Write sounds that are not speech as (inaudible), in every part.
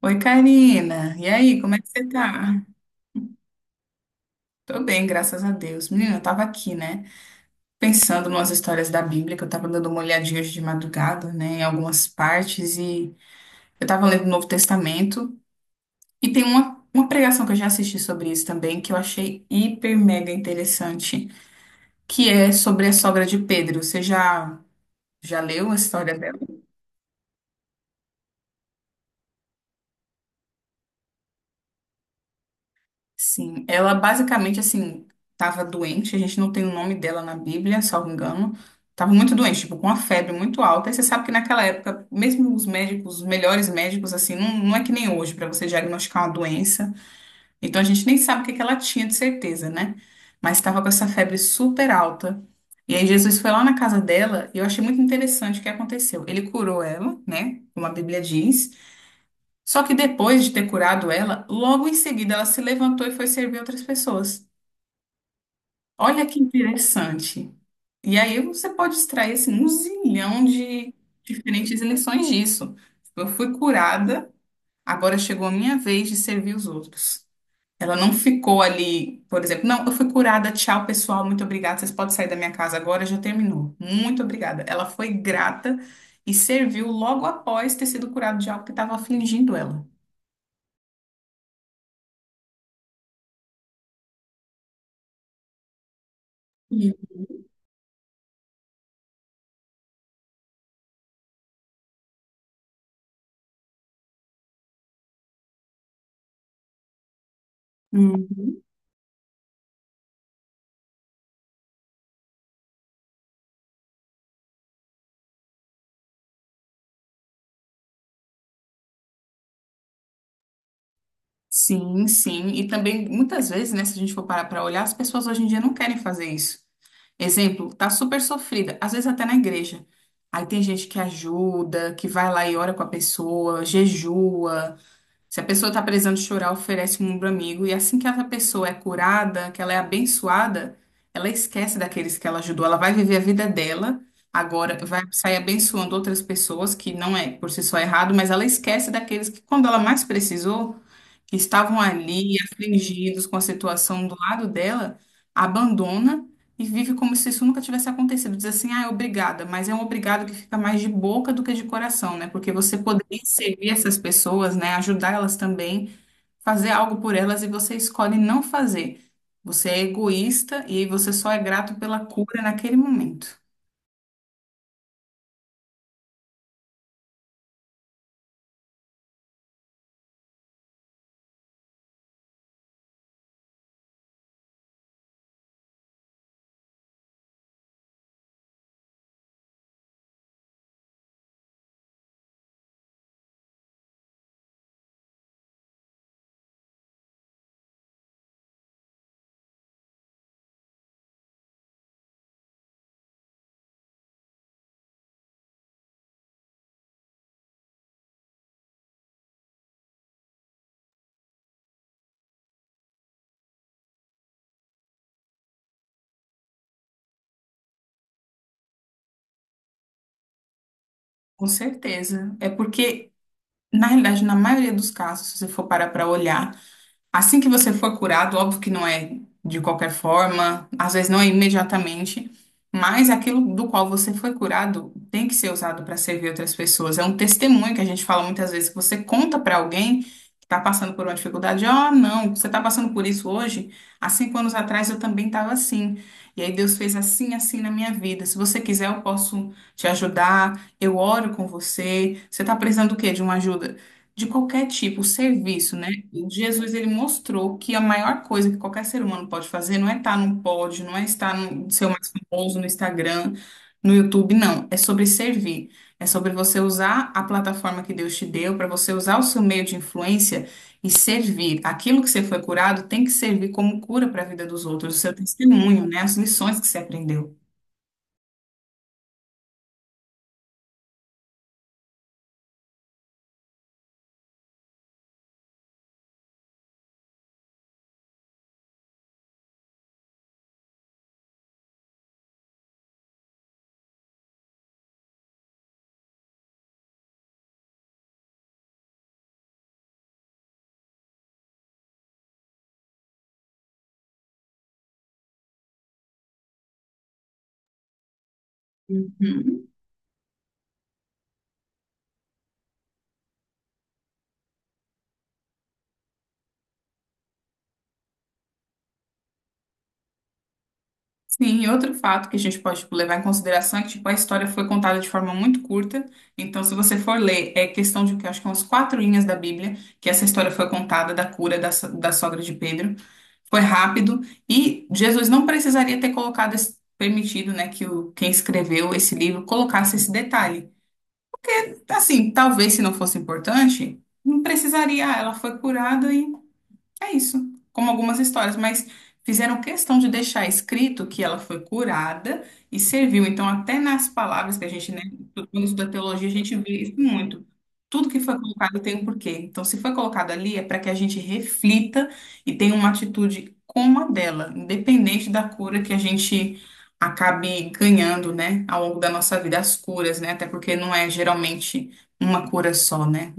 Oi, Karina. E aí, como é que você tá? Tô bem, graças a Deus. Menina, eu tava aqui, né? Pensando nas histórias da Bíblia, que eu tava dando uma olhadinha hoje de madrugada, né? Em algumas partes, e eu tava lendo o Novo Testamento. E tem uma pregação que eu já assisti sobre isso também, que eu achei hiper mega interessante, que é sobre a sogra de Pedro. Você já leu a história dela? Sim, ela basicamente assim estava doente, a gente não tem o nome dela na Bíblia, salvo engano. Estava muito doente, tipo, com uma febre muito alta. E você sabe que naquela época, mesmo os médicos, os melhores médicos, assim, não, não é que nem hoje para você diagnosticar uma doença. Então a gente nem sabe o que que ela tinha de certeza, né? Mas estava com essa febre super alta. E aí Jesus foi lá na casa dela e eu achei muito interessante o que aconteceu. Ele curou ela, né? Como a Bíblia diz. Só que depois de ter curado ela, logo em seguida ela se levantou e foi servir outras pessoas. Olha que interessante. E aí você pode extrair assim, um zilhão de diferentes lições disso. Tipo, eu fui curada, agora chegou a minha vez de servir os outros. Ela não ficou ali, por exemplo, não, eu fui curada, tchau pessoal, muito obrigada, vocês podem sair da minha casa agora, já terminou. Muito obrigada. Ela foi grata e serviu logo após ter sido curada de algo que estava afligindo ela. Hum. Sim, sim. E também, muitas vezes, né, se a gente for parar para olhar, as pessoas hoje em dia não querem fazer isso. Exemplo, tá super sofrida, às vezes até na igreja. Aí tem gente que ajuda, que vai lá e ora com a pessoa, jejua. Se a pessoa tá precisando chorar, oferece um ombro amigo. E assim que essa pessoa é curada, que ela é abençoada, ela esquece daqueles que ela ajudou. Ela vai viver a vida dela. Agora vai sair abençoando outras pessoas, que não é por si só errado, mas ela esquece daqueles que, quando ela mais precisou, que estavam ali afligidos com a situação do lado dela, abandona e vive como se isso nunca tivesse acontecido. Diz assim, ah, obrigada, mas é um obrigado que fica mais de boca do que de coração, né? Porque você poderia servir essas pessoas, né? Ajudar elas também, fazer algo por elas e você escolhe não fazer. Você é egoísta e você só é grato pela cura naquele momento. Com certeza. É porque, na realidade, na maioria dos casos, se você for parar para olhar, assim que você for curado, óbvio que não é de qualquer forma, às vezes não é imediatamente, mas aquilo do qual você foi curado tem que ser usado para servir outras pessoas. É um testemunho que a gente fala muitas vezes, que você conta para alguém que está passando por uma dificuldade, ó, não, você está passando por isso hoje? Há 5 anos atrás eu também estava assim. E aí Deus fez assim, assim na minha vida. Se você quiser, eu posso te ajudar, eu oro com você. Você está precisando do quê? De uma ajuda? De qualquer tipo, serviço, né? E Jesus, ele mostrou que a maior coisa que qualquer ser humano pode fazer não é estar num pódio, não é estar no ser o mais famoso no Instagram, no YouTube, não. É sobre servir. É sobre você usar a plataforma que Deus te deu, para você usar o seu meio de influência e servir. Aquilo que você foi curado tem que servir como cura para a vida dos outros, o seu testemunho, né? As lições que você aprendeu. Uhum. Sim, e outro fato que a gente pode, tipo, levar em consideração é que, tipo, a história foi contada de forma muito curta. Então, se você for ler, é questão de, acho que é umas quatro linhas da Bíblia, que essa história foi contada da cura da sogra de Pedro. Foi rápido e Jesus não precisaria ter colocado, permitido, né, que o, quem escreveu esse livro colocasse esse detalhe. Assim, talvez se não fosse importante, não precisaria. Ah, ela foi curada é isso, como algumas histórias, mas fizeram questão de deixar escrito que ela foi curada e serviu. Então, até nas palavras que a gente, né, quando estuda teologia, a gente vê isso muito. Tudo que foi colocado tem um porquê. Então, se foi colocado ali, é para que a gente reflita e tenha uma atitude como a dela, independente da cura que a gente acabe ganhando, né, ao longo da nossa vida, as curas, né, até porque não é geralmente uma cura só, né?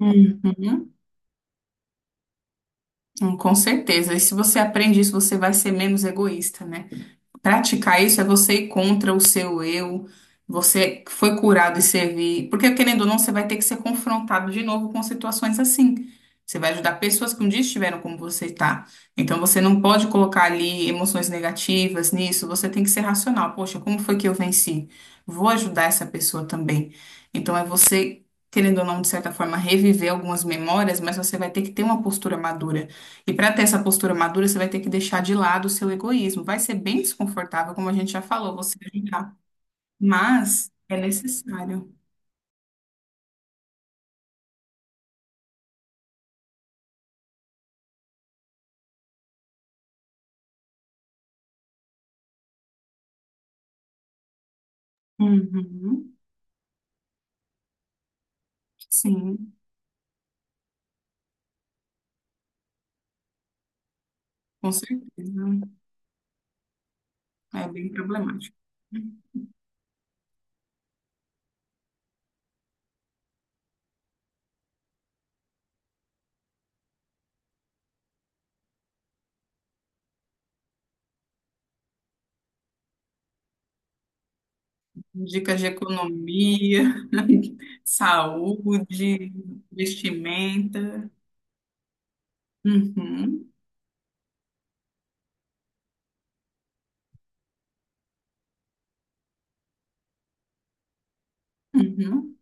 Uhum. Com certeza. E se você aprende isso, você vai ser menos egoísta, né? Praticar isso é você ir contra o seu eu. Você foi curado e servir. Porque, querendo ou não, você vai ter que ser confrontado de novo com situações assim. Você vai ajudar pessoas que um dia estiveram como você está. Então, você não pode colocar ali emoções negativas nisso. Você tem que ser racional. Poxa, como foi que eu venci? Vou ajudar essa pessoa também. Então, é você, querendo ou não, de certa forma, reviver algumas memórias, mas você vai ter que ter uma postura madura. E para ter essa postura madura, você vai ter que deixar de lado o seu egoísmo. Vai ser bem desconfortável, como a gente já falou, você ajudar. Mas é necessário. Uhum. Sim, com certeza. É bem problemático. Dicas de economia, (laughs) saúde, vestimenta. Uhum. Uhum.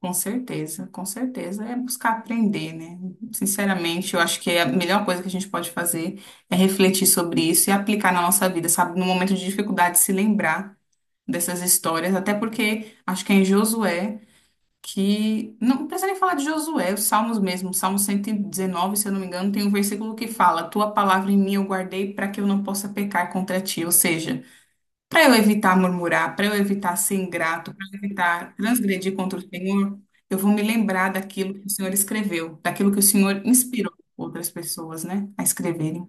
Com certeza, com certeza. É buscar aprender, né? Sinceramente, eu acho que a melhor coisa que a gente pode fazer é refletir sobre isso e aplicar na nossa vida, sabe? No momento de dificuldade, se lembrar dessas histórias, até porque acho que é em Josué que. Não precisa nem falar de Josué, os Salmos mesmo, Salmo 119, se eu não me engano, tem um versículo que fala: Tua palavra em mim eu guardei para que eu não possa pecar contra ti. Ou seja, para eu evitar murmurar, para eu evitar ser ingrato, para eu evitar transgredir contra o Senhor, eu vou me lembrar daquilo que o Senhor escreveu, daquilo que o Senhor inspirou outras pessoas, né, a escreverem.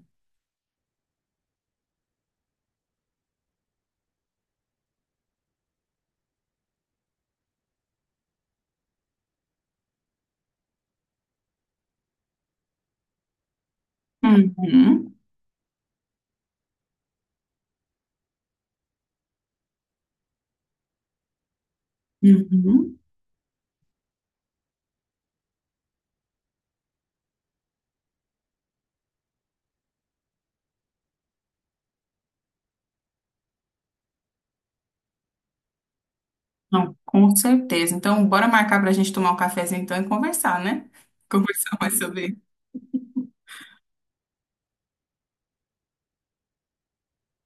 Uhum, uhum. Não, com certeza. Então, bora marcar para a gente tomar um cafezinho então e conversar, né? (laughs) Conversar mais sobre.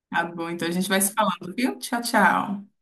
Tá bom, então a gente vai se falando, viu? Tchau, tchau.